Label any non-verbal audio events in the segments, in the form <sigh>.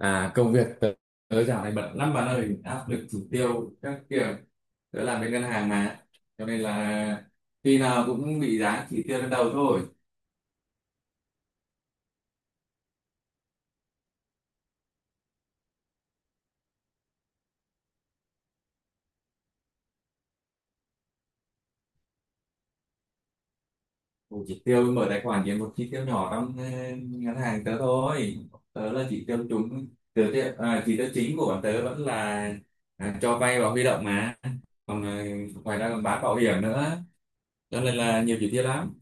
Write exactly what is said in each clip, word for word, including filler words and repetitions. À, công việc tớ, tớ dạo này bận lắm bạn ơi, áp lực chỉ tiêu các kiểu. Tớ làm bên ngân hàng mà, cho nên là khi nào cũng bị dán chỉ tiêu lên đầu thôi. Một chỉ tiêu mở tài khoản chỉ một chỉ tiêu nhỏ trong ờ, ngân hàng tớ thôi. Tớ là chỉ tiêu chúng, tớ, tiêu- à, chỉ tiêu chính của bọn tớ vẫn là à, cho vay và huy động mà. Còn ờ, ngoài ra còn bán bảo hiểm nữa, cho nên là nhiều chỉ tiêu lắm.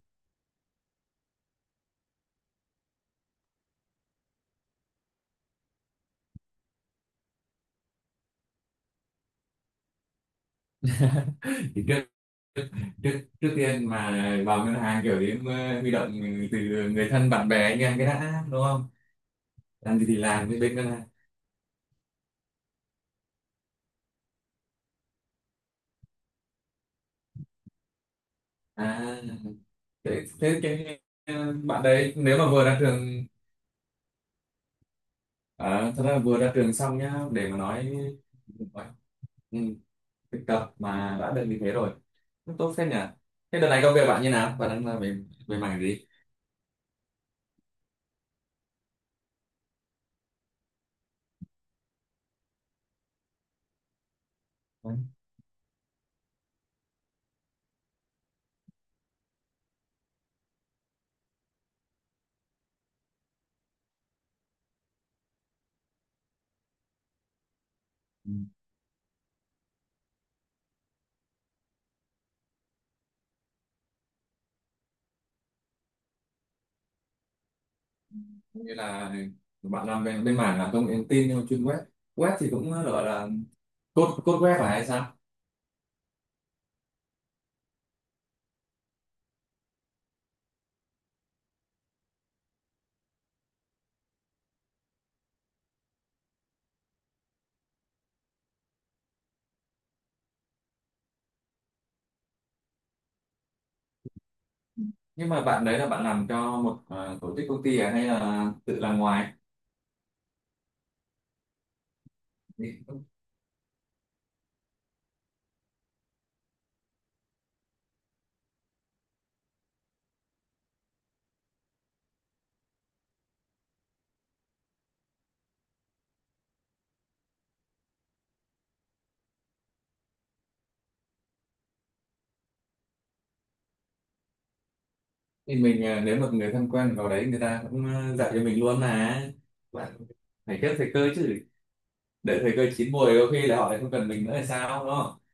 <laughs> trước trước tiên mà vào ngân hàng kiểu đến ờ, huy động từ người thân bạn bè anh em cái đã, đúng không? Làm gì thì làm với bên ngân hàng. À, thế, thế cái ờ, bạn đấy nếu mà vừa ra trường, ờ, thật ra vừa ra trường xong nhá, để mà nói, ừ, thực tập mà đã được như thế rồi. Cũng tốt phết nhỉ. Thế đợt này công việc bạn như nào, bạn đang làm về về mảng gì? Ừ. Như là bạn làm về bên mảng là công nghệ thông tin nhưng mà chuyên web, web thì cũng gọi là code code web, phải hay sao? Nhưng mà bạn đấy là bạn làm cho một, à, tổ chức công ty, à, hay là tự làm ngoài? Thì, mình, à, nếu mà người thân quen vào đấy người ta cũng, à, dạy cho mình luôn là bạn phải biết thời cơ chứ. Để thời cơ chín muồi có khi là họ lại không cần mình nữa là sao, đúng không?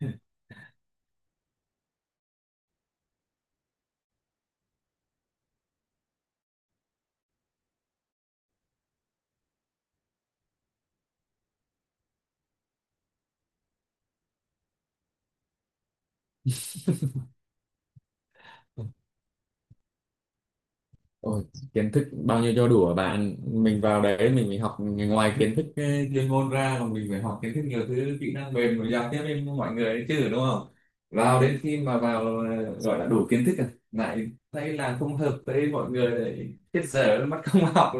Ôi, kiến thức bao nhiêu cho đủ hả bạn? Mình vào đấy mình phải học ngoài kiến thức ờ, chuyên môn ra, còn mình phải học kiến thức nhiều thứ, kỹ năng mềm rồi giao tiếp với mọi người đấy chứ, đúng không? Vào đến khi mà vào ờ, gọi là đủ kiến thức rồi, lại thấy là không hợp với mọi người, lại hết giờ mất công <laughs> học,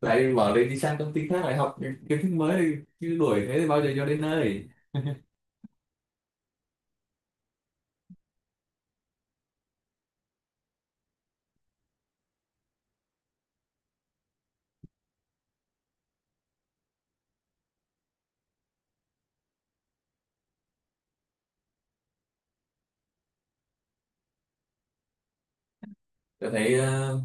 lại bỏ đấy đi sang công ty khác lại học những kiến thức mới, chứ đuổi thế thì bao giờ cho đến nơi? tôi thấy ờ,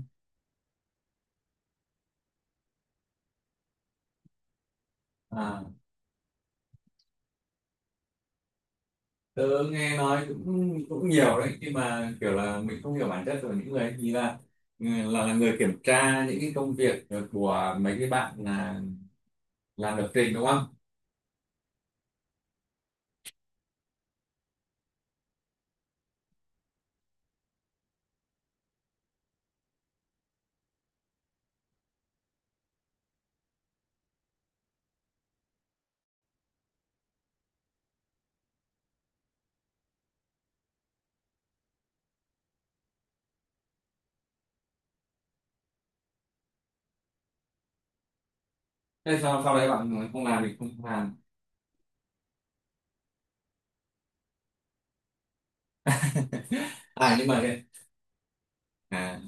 à, tớ nghe nói cũng cũng nhiều đấy, nhưng mà kiểu là mình không hiểu bản chất của những người ấy thì là, ừ, là là người kiểm tra những cái công việc của mấy cái bạn là làm lập trình, đúng không? Thế sau sau đấy bạn không làm thì không làm. <laughs> à nhưng mà thế à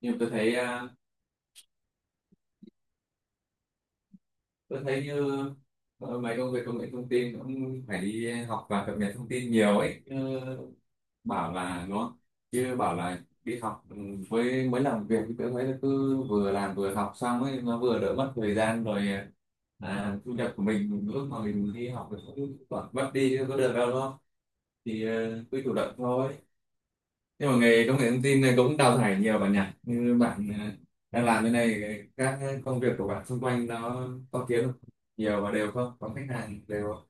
nhưng mà tôi thấy à, tôi thấy như ờ, mấy công việc công nghệ thông tin cũng phải đi học và cập nhật thông tin nhiều ấy. Ừ, bảo là nó chứ bảo là đi học, ừ, với mới làm việc thì tôi thấy cứ vừa làm vừa học xong ấy, nó vừa đỡ mất thời gian rồi, à, thu nhập của mình lúc mà mình đi học thì cũng toàn mất đi chứ có được đâu đó. Thì ờ, cứ chủ động thôi. Nhưng mà nghề công nghệ thông tin này cũng đào thải nhiều bạn nhỉ? Như bạn, ờ, đang làm thế này, các công việc của bạn xung quanh nó có kiếm không, nhiều và đều không, có khách hàng đều không?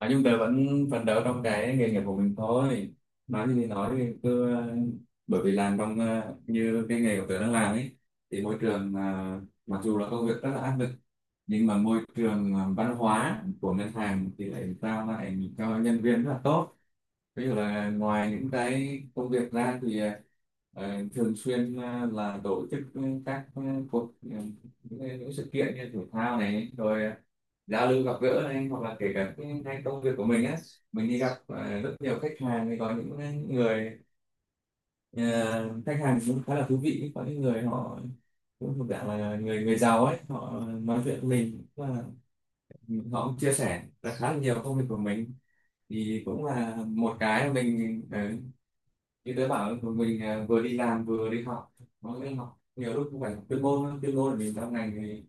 Nói chung tớ vẫn phấn đấu trong cái nghề nghiệp của mình thôi. Nói gì thì nói thì cứ, ờ, bởi vì làm trong, ờ, như cái nghề của tớ đang làm ấy, thì môi trường, ờ, mặc dù là công việc rất là áp lực, nhưng mà môi trường, ờ, văn hóa của ngân hàng thì lại trao lại cho nhân viên rất là tốt. Ví dụ là ngoài những cái công việc ra thì, ờ, ờ, thường xuyên, ờ, là tổ chức các, ờ, cuộc, ờ, những, cái- những sự kiện như thể thao này rồi giao lưu gặp gỡ này, hoặc là kể cả cái, cái công việc của mình á, mình đi gặp, à, rất nhiều khách hàng thì có những người, à, khách hàng cũng khá là thú vị, có những người họ cũng thuộc dạng là người người giàu ấy, họ nói chuyện với mình và họ cũng chia sẻ là khá là nhiều công việc của mình. Thì cũng là một cái mà mình, ờ, như tớ bảo là mình, à, vừa đi làm vừa đi học, nó nên học nhiều lúc cũng phải học chuyên môn á. Chuyên môn là mình trong ngành thì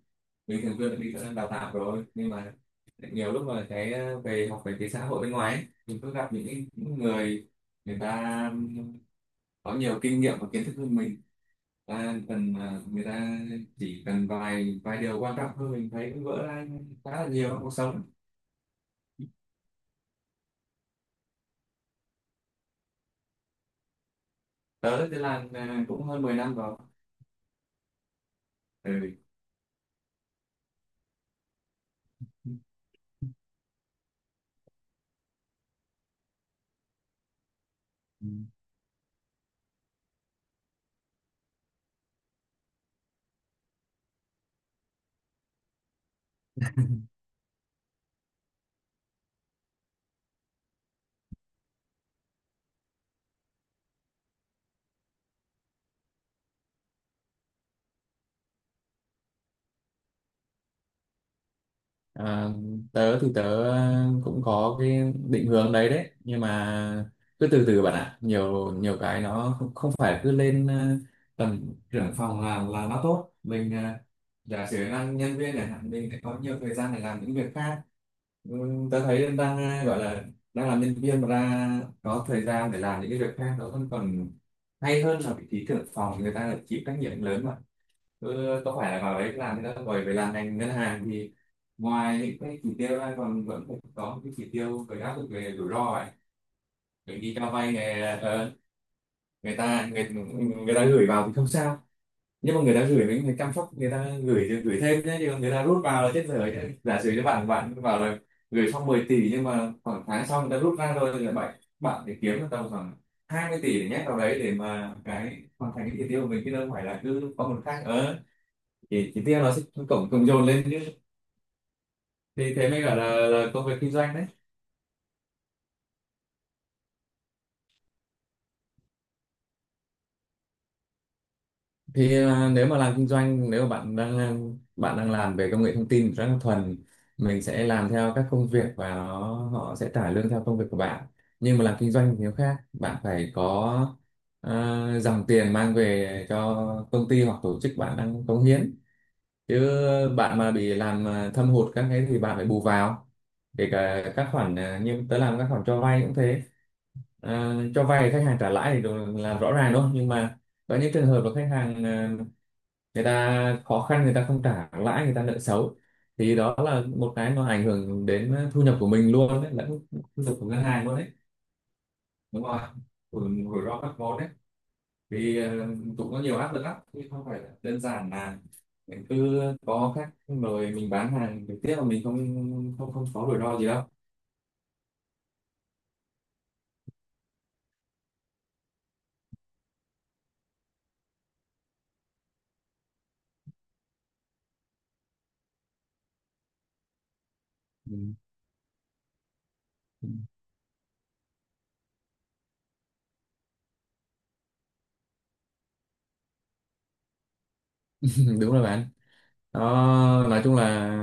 mình thường xuyên đi đào tạo rồi, nhưng mà nhiều lúc mà cái, ờ, về học về cái xã hội bên ngoài ấy, mình cứ gặp những, cái- những người, người ta có nhiều kinh nghiệm và kiến thức hơn mình, ta cần, ờ, người ta chỉ cần vài vài điều quan trọng thôi, mình thấy cũng vỡ ra khá là nhiều trong cuộc sống. Tớ thì làm, ờ, cũng hơn mười năm rồi. Ừ. À, tớ thì tớ, ờ, cũng có cái định hướng đấy, đấy nhưng mà cứ từ từ bạn ạ, nhiều nhiều cái nó, không, không phải cứ lên, ờ, tầm trưởng phòng là là nó tốt. Mình, ờ, giả sử năng nhân viên này mình lại có nhiều thời gian để làm những việc khác. Ừ, tớ thấy em đang, ờ, gọi là đang làm nhân viên mà ra có thời gian để làm những cái việc khác, nó vẫn còn hay hơn là vị trí trưởng phòng, người ta lại chịu trách nhiệm lớn mà. Ừ, có phải là vào đấy làm thì đã, rồi về làm ngành ngân hàng thì ngoài những cái chỉ tiêu ra còn vẫn phải có những cái chỉ tiêu phải áp dụng về rủi ro ấy. Bởi đi cho vay này, ờ, người ta người, người ta gửi vào thì không sao, nhưng mà người ta gửi mình phải chăm sóc, người ta gửi thì gửi thêm đấy chứ, còn người ta rút vào là chết dở chứ. Giả sử cho bạn bạn vào là gửi xong mười tỷ, nhưng mà khoảng tháng sau người ta rút ra rồi, thì là bạn bạn để kiếm được tầm khoảng hai mươi tỷ để nhét vào đấy, để mà cái hoàn thành cái chỉ tiêu của mình, chứ đâu phải là cứ có một khác. Ờ, thì thì tiếc nó sẽ cộng cộng dồn lên chứ. Thì thế mới gọi là, là công việc kinh doanh đấy. Thì, à, nếu mà làm kinh doanh, nếu mà bạn đang, bạn đang làm về công nghệ thông tin rất là thuần, mình sẽ làm theo các công việc, và nó, họ sẽ trả lương theo công việc của bạn. Nhưng mà làm kinh doanh thì nó khác, bạn phải có, à, dòng tiền mang về cho công ty hoặc tổ chức bạn đang cống hiến. Chứ bạn mà bị làm, à, thâm hụt các cái thì bạn phải bù vào. Kể cả các khoản, à, như tớ làm các khoản cho vay cũng thế. À, cho vay khách hàng trả lãi thì đồ- là rõ ràng đúng không, nhưng mà có những trường hợp là khách hàng, à, người ta khó khăn, người ta không trả lãi, người ta nợ xấu, thì đó là một cái nó ảnh hưởng đến thu nhập của mình luôn đấy, lẫn thu nhập của ngân hàng luôn đấy. Đúng rồi, rủi rủi ro các món đấy. Vì, ờ, cũng có nhiều áp lực lắm chứ không phải là đơn giản là mình cứ có khách mời mình bán hàng trực tiếp mà mình không không không có rủi ro gì đâu. Ừ. <laughs> Đúng rồi bạn. Đó, nói chung là,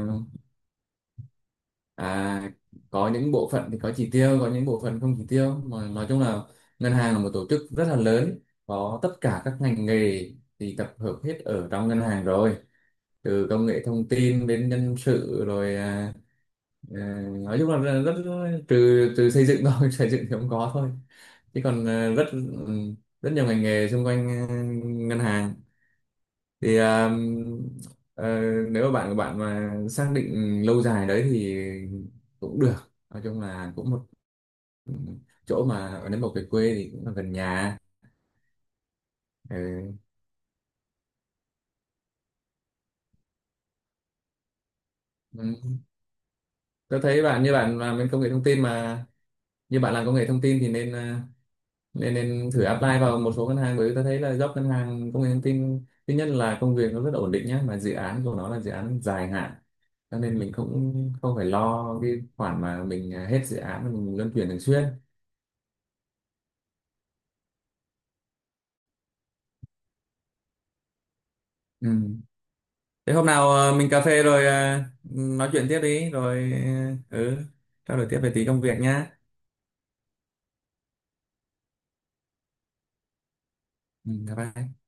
À, có những bộ phận thì có chỉ tiêu, có những bộ phận không chỉ tiêu. Mà nói chung là ngân hàng là một tổ chức rất là lớn, có tất cả các ngành nghề thì tập hợp hết ở trong ngân hàng rồi. Từ công nghệ thông tin đến nhân sự rồi, à, à, nói chung là rất, rất trừ trừ xây dựng thôi, <laughs> xây dựng thì không có thôi. Chứ còn, à, rất, ừ, rất nhiều ngành nghề xung quanh, à, ngân hàng thì, ờ, ờ, nếu mà bạn của bạn mà xác định lâu dài đấy thì cũng được, nói chung là cũng một chỗ mà, nếu mà về quê thì cũng là gần nhà. Ừ. Ừ. Tôi thấy bạn, như bạn làm bên công nghệ thông tin mà, như bạn làm công nghệ thông tin thì nên, ờ, nên nên thử apply vào một số ngân hàng, bởi vì tôi thấy là job ngân hàng công nghệ thông tin thứ nhất là công việc nó rất là ổn định nhá, mà dự án của nó là dự án dài hạn, cho nên mình cũng không phải lo cái khoản mà mình, à, hết dự án mình luân chuyển thường xuyên. Ừ. Thế hôm nào, ờ, mình cà phê rồi, ờ, nói chuyện tiếp đi, rồi, ờ, ừ trao đổi tiếp về tí công việc nhá. Ừ, bye bye.